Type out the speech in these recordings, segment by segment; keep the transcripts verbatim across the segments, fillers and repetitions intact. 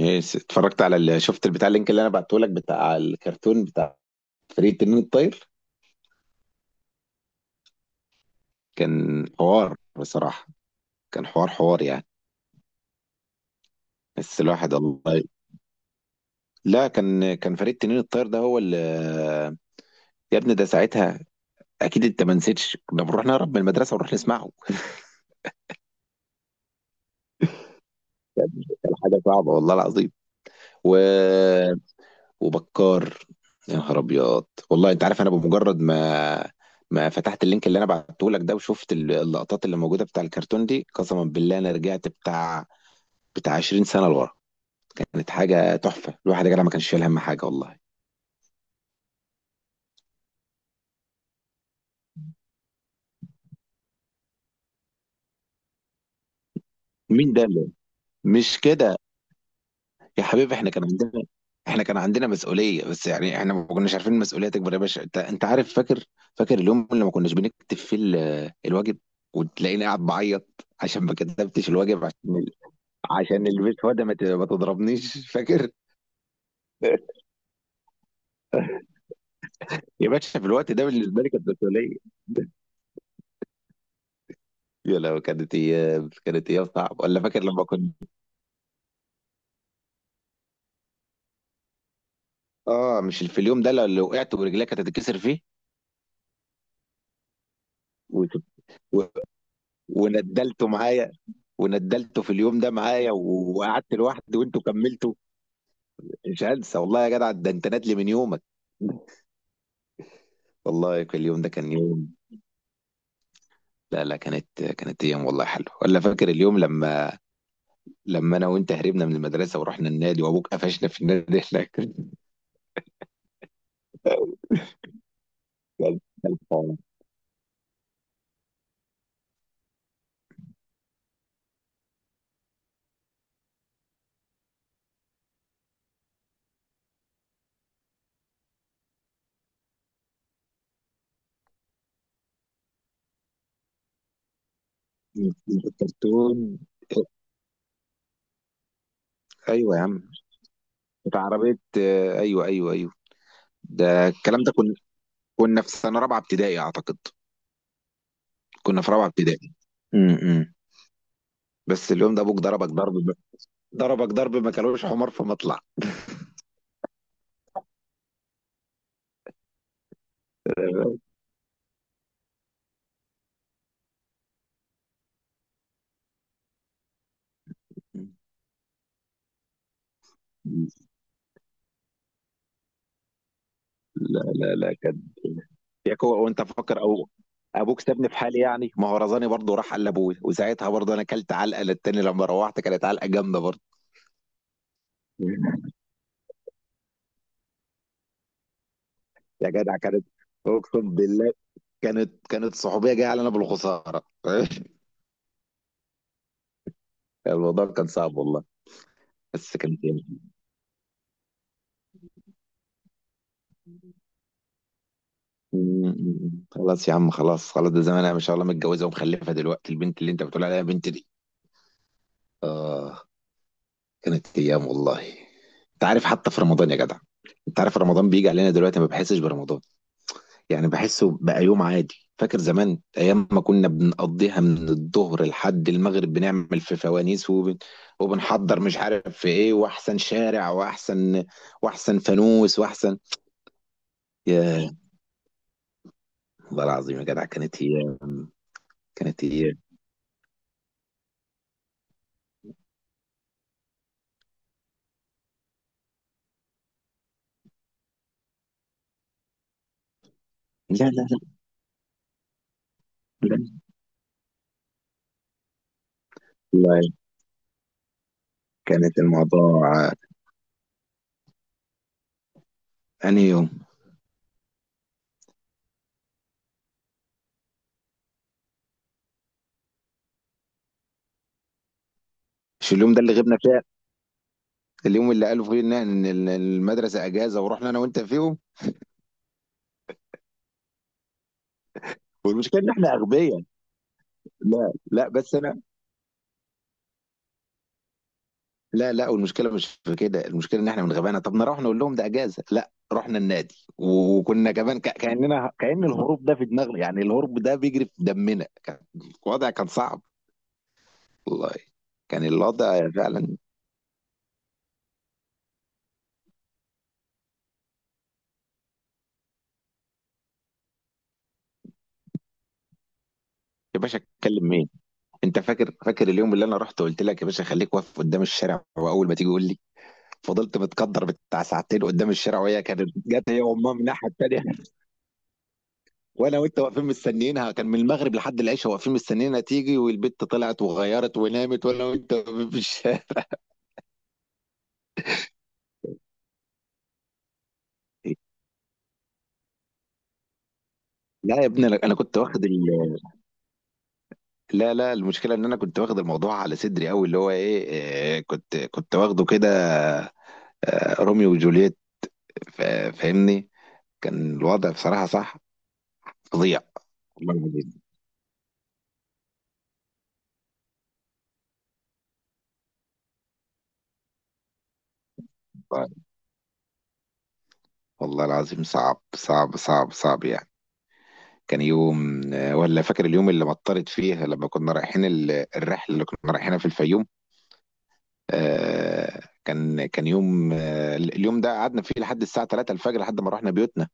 ايه س- اتفرجت على ال... شفت البتاع اللينك اللي انا بعته لك بتاع الكرتون بتاع فريق تنين الطاير. كان حوار بصراحة. كان حوار حوار يعني بس الواحد الله. لا كان كان فريق تنين الطاير ده هو اللي يا ابني ده ساعتها. اكيد انت ما نسيتش كنا بنروح نهرب من المدرسة ونروح نسمعه. كان حاجة صعبة والله العظيم. و وبكار. يا نهار ابيض. والله انت عارف انا بمجرد ما ما فتحت اللينك اللي انا بعته لك ده وشفت ال- اللقطات اللي موجوده بتاع الكرتون دي. قسما بالله انا رجعت بتاع بتاع عشرين سنه لورا. كانت حاجه تحفه، الواحد يا جدع ما كانش شايل هم حاجه والله. مين ده اللي- مش كده؟ يا حبيبي احنا كان عندنا احنا كان عندنا مسؤوليه، بس يعني احنا ما كناش عارفين المسؤوليه تكبر يا باشا. انت انت عارف، فاكر فاكر اليوم اللي ما كناش بنكتب فيه ال- الواجب وتلاقيني قاعد بعيط عشان ما كتبتش الواجب؟ عشان عشان البيت، وده ما ت- ما تضربنيش، فاكر؟ يا باشا في الوقت ده بالنسبه لي كانت مسؤوليه. يا لو كانت ايام كانت ايام صعبه، ولا فاكر لما كنت؟ اه مش في اليوم ده لو اللي وقعت ورجلك هتتكسر فيه. و... و... وندلته معايا، وندلته في اليوم ده معايا و- وقعدت لوحدي وانتوا كملتوا. مش هنسى والله يا جدع، ده انت نادلي من يومك. والله كل اليوم ده كان يوم. لا لا، كانت كانت ايام والله حلوه. ولا فاكر اليوم لما لما انا وانت هربنا من المدرسه ورحنا النادي وابوك قفشنا في النادي هناك؟ ده الحوار. الكرتون. ايوه يا عم، بتاع عربيه. آه، ايوه ايوه ايوه. ده الكلام، ده كنا كنا في سنه رابعه ابتدائي اعتقد. كنا في رابعه ابتدائي. امم بس اليوم ده ابوك ضربك ضرب ضربك ضرب ما كلوش حمار في مطلع. لا لا لا كان. يا كو، وانت فاكر او ابوك سابني في حالي؟ يعني ما هو رزاني برضه، راح قال لابويا وساعتها برضه انا اكلت علقه للتاني، لما روحت كانت علقه جامده برضه. يا جدع كانت، اقسم بالله كانت كانت صحوبيه جايه علينا بالخساره. الموضوع كان صعب والله، بس كان جامد. م-م-م. خلاص يا عم، خلاص خلاص، ده زمان انا ما شاء الله متجوزه ومخلفه دلوقتي البنت اللي انت بتقول عليها بنت دي. اه. كانت ايام والله. انت عارف، حتى في رمضان يا جدع، انت عارف رمضان بيجي علينا دلوقتي ما بحسش برمضان، يعني بحسه بقى يوم عادي. فاكر زمان ايام ما كنا بنقضيها من الظهر لحد المغرب بنعمل في فوانيس وبن... وبنحضر مش عارف في ايه، واحسن شارع، واحسن واحسن فانوس، واحسن. يا، والله العظيم يا جدع كانت هي، كانت هي لا لا لا لا والله كانت الموضوع. انهي يوم؟ مش اليوم ده اللي غبنا فيه؟ اليوم اللي قالوا فيه ان إن المدرسه اجازه ورحنا انا وانت فيهم، والمشكله ان احنا اغبياء. لا لا بس انا لا لا، والمشكله مش في كده، المشكله ان احنا من غبانا طب نروح نقول لهم ده اجازه. لا، رحنا النادي وكنا كمان ك- كاننا كأن الهروب ده في دماغنا، يعني الهروب ده بيجري في دمنا. كان الوضع كان صعب والله. كان الوضع فعلا. يا باشا اتكلم مين؟ انت فاكر فاكر اليوم اللي انا رحت وقلت لك يا باشا خليك واقف قدام الشارع واول ما تيجي قول لي؟ فضلت متقدر بتاع ساعتين قدام الشارع، وهي كانت جت هي وامها من الناحيه التانيه. وانا وانت واقفين مستنيينها، كان من المغرب لحد العشاء واقفين مستنيينها تيجي، والبت طلعت وغيرت ونامت وانا وانت واقفين في الشارع. لا يا ابني انا أنا كنت واخد ال... لا لا، المشكله ان انا كنت واخد الموضوع على صدري قوي اللي هو ايه. آه، كنت كنت واخده كده. آه، روميو وجولييت. فا- فاهمني. كان الوضع بصراحه صح. فظيع، والله العظيم. والله العظيم صعب صعب صعب صعب يعني. كان يوم. آه، ولا فاكر اليوم اللي مطرت فيه لما كنا رايحين ال- الرحله اللي كنا رايحينها في الفيوم؟ آه، كان كان يوم. آه، اليوم ده قعدنا فيه لحد الساعة ثلاثة الفجر لحد ما رحنا بيوتنا.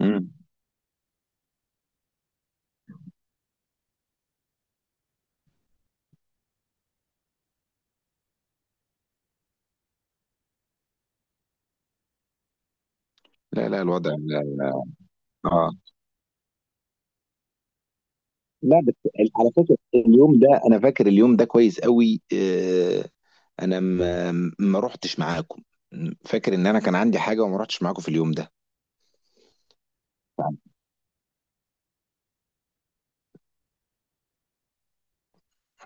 مم. لا لا، الوضع لا. اه، لا بس على فكرة اليوم ده انا فاكر اليوم ده كويس قوي. آه، انا ما ما رحتش معاكم. فاكر ان انا كان عندي حاجة وما رحتش معاكم في اليوم ده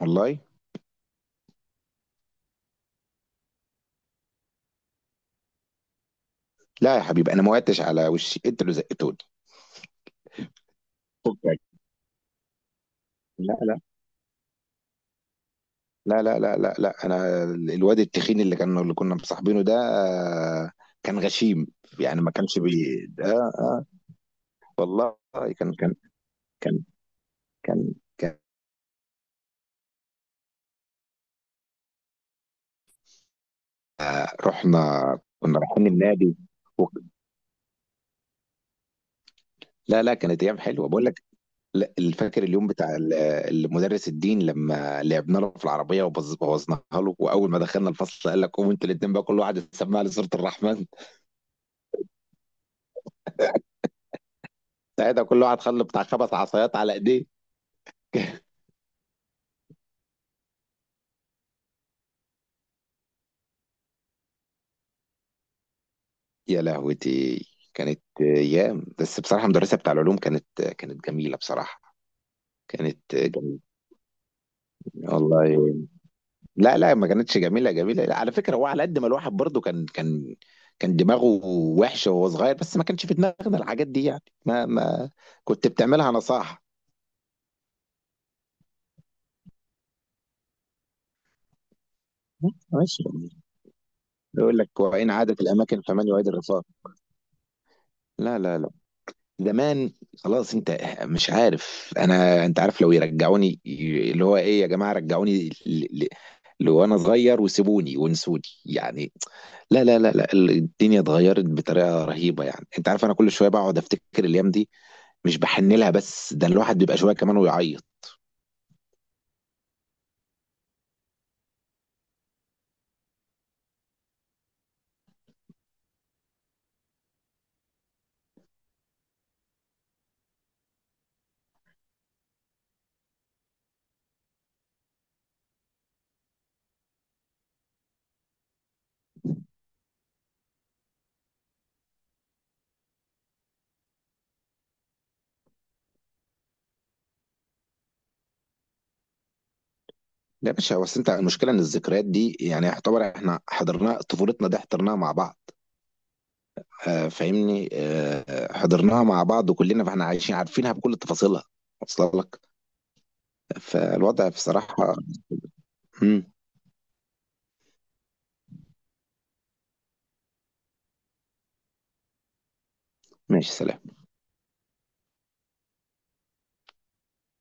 والله. لا يا حبيبي انا ما وقعتش على وشي، انت اللي زقتوني. شكراً. لا، لا لا لا لا لا انا الواد التخين اللي كان اللي كنا مصاحبينه ده. آه، كان غشيم، يعني ما كانش بي ده. آه، والله. كان كان كان كان, كان رحنا، كنا رايحين النادي و... لا لا، كانت ايام حلوه بقول لك. لا، فاكر اليوم بتاع ال- المدرس الدين لما لعبنا له في العربيه وبوظ- بوظناها له، واول ما دخلنا الفصل قال لك قوموا انتوا الاثنين بقى كل واحد يسمع لي سوره الرحمن؟ ساعتها كل واحد خلى بتاع خمس عصايات على ايديه. يا لهوتي، كانت ايام. بس بصراحه المدرسه بتاع العلوم كانت كانت جميله بصراحه. كانت جميله، والله. لا لا، ما كانتش جميله جميله، لا، على فكره هو على قد ما الواحد برضو كان كان كان دماغه وحشه وهو صغير، بس ما كانش في دماغنا الحاجات دي يعني ما ما كنت بتعملها نصاحه ماشي يعني. يقول لك وإن عادت الأماكن فمن يعيد الرفاق؟ لا لا لا زمان خلاص. أنت مش عارف، أنا أنت عارف لو يرجعوني ي- اللي هو إيه، يا جماعة رجعوني لو انا صغير وسيبوني وانسوني يعني. لا لا لا لا الدنيا اتغيرت بطريقه رهيبه، يعني انت عارف انا كل شويه بقعد افتكر الايام دي، مش بحن لها بس ده الواحد بيبقى شويه كمان ويعيط. لا يا باشا، بس انت المشكله ان الذكريات دي يعني يعتبر احنا حضرنا طفولتنا دي حضرناها مع بعض. آه، فاهمني؟ آه، حضرناها مع بعض كلنا، فاحنا عايشين عارفينها بكل تفاصيلها، واصله لك. فالوضع بصراحه، مم، ماشي. سلام.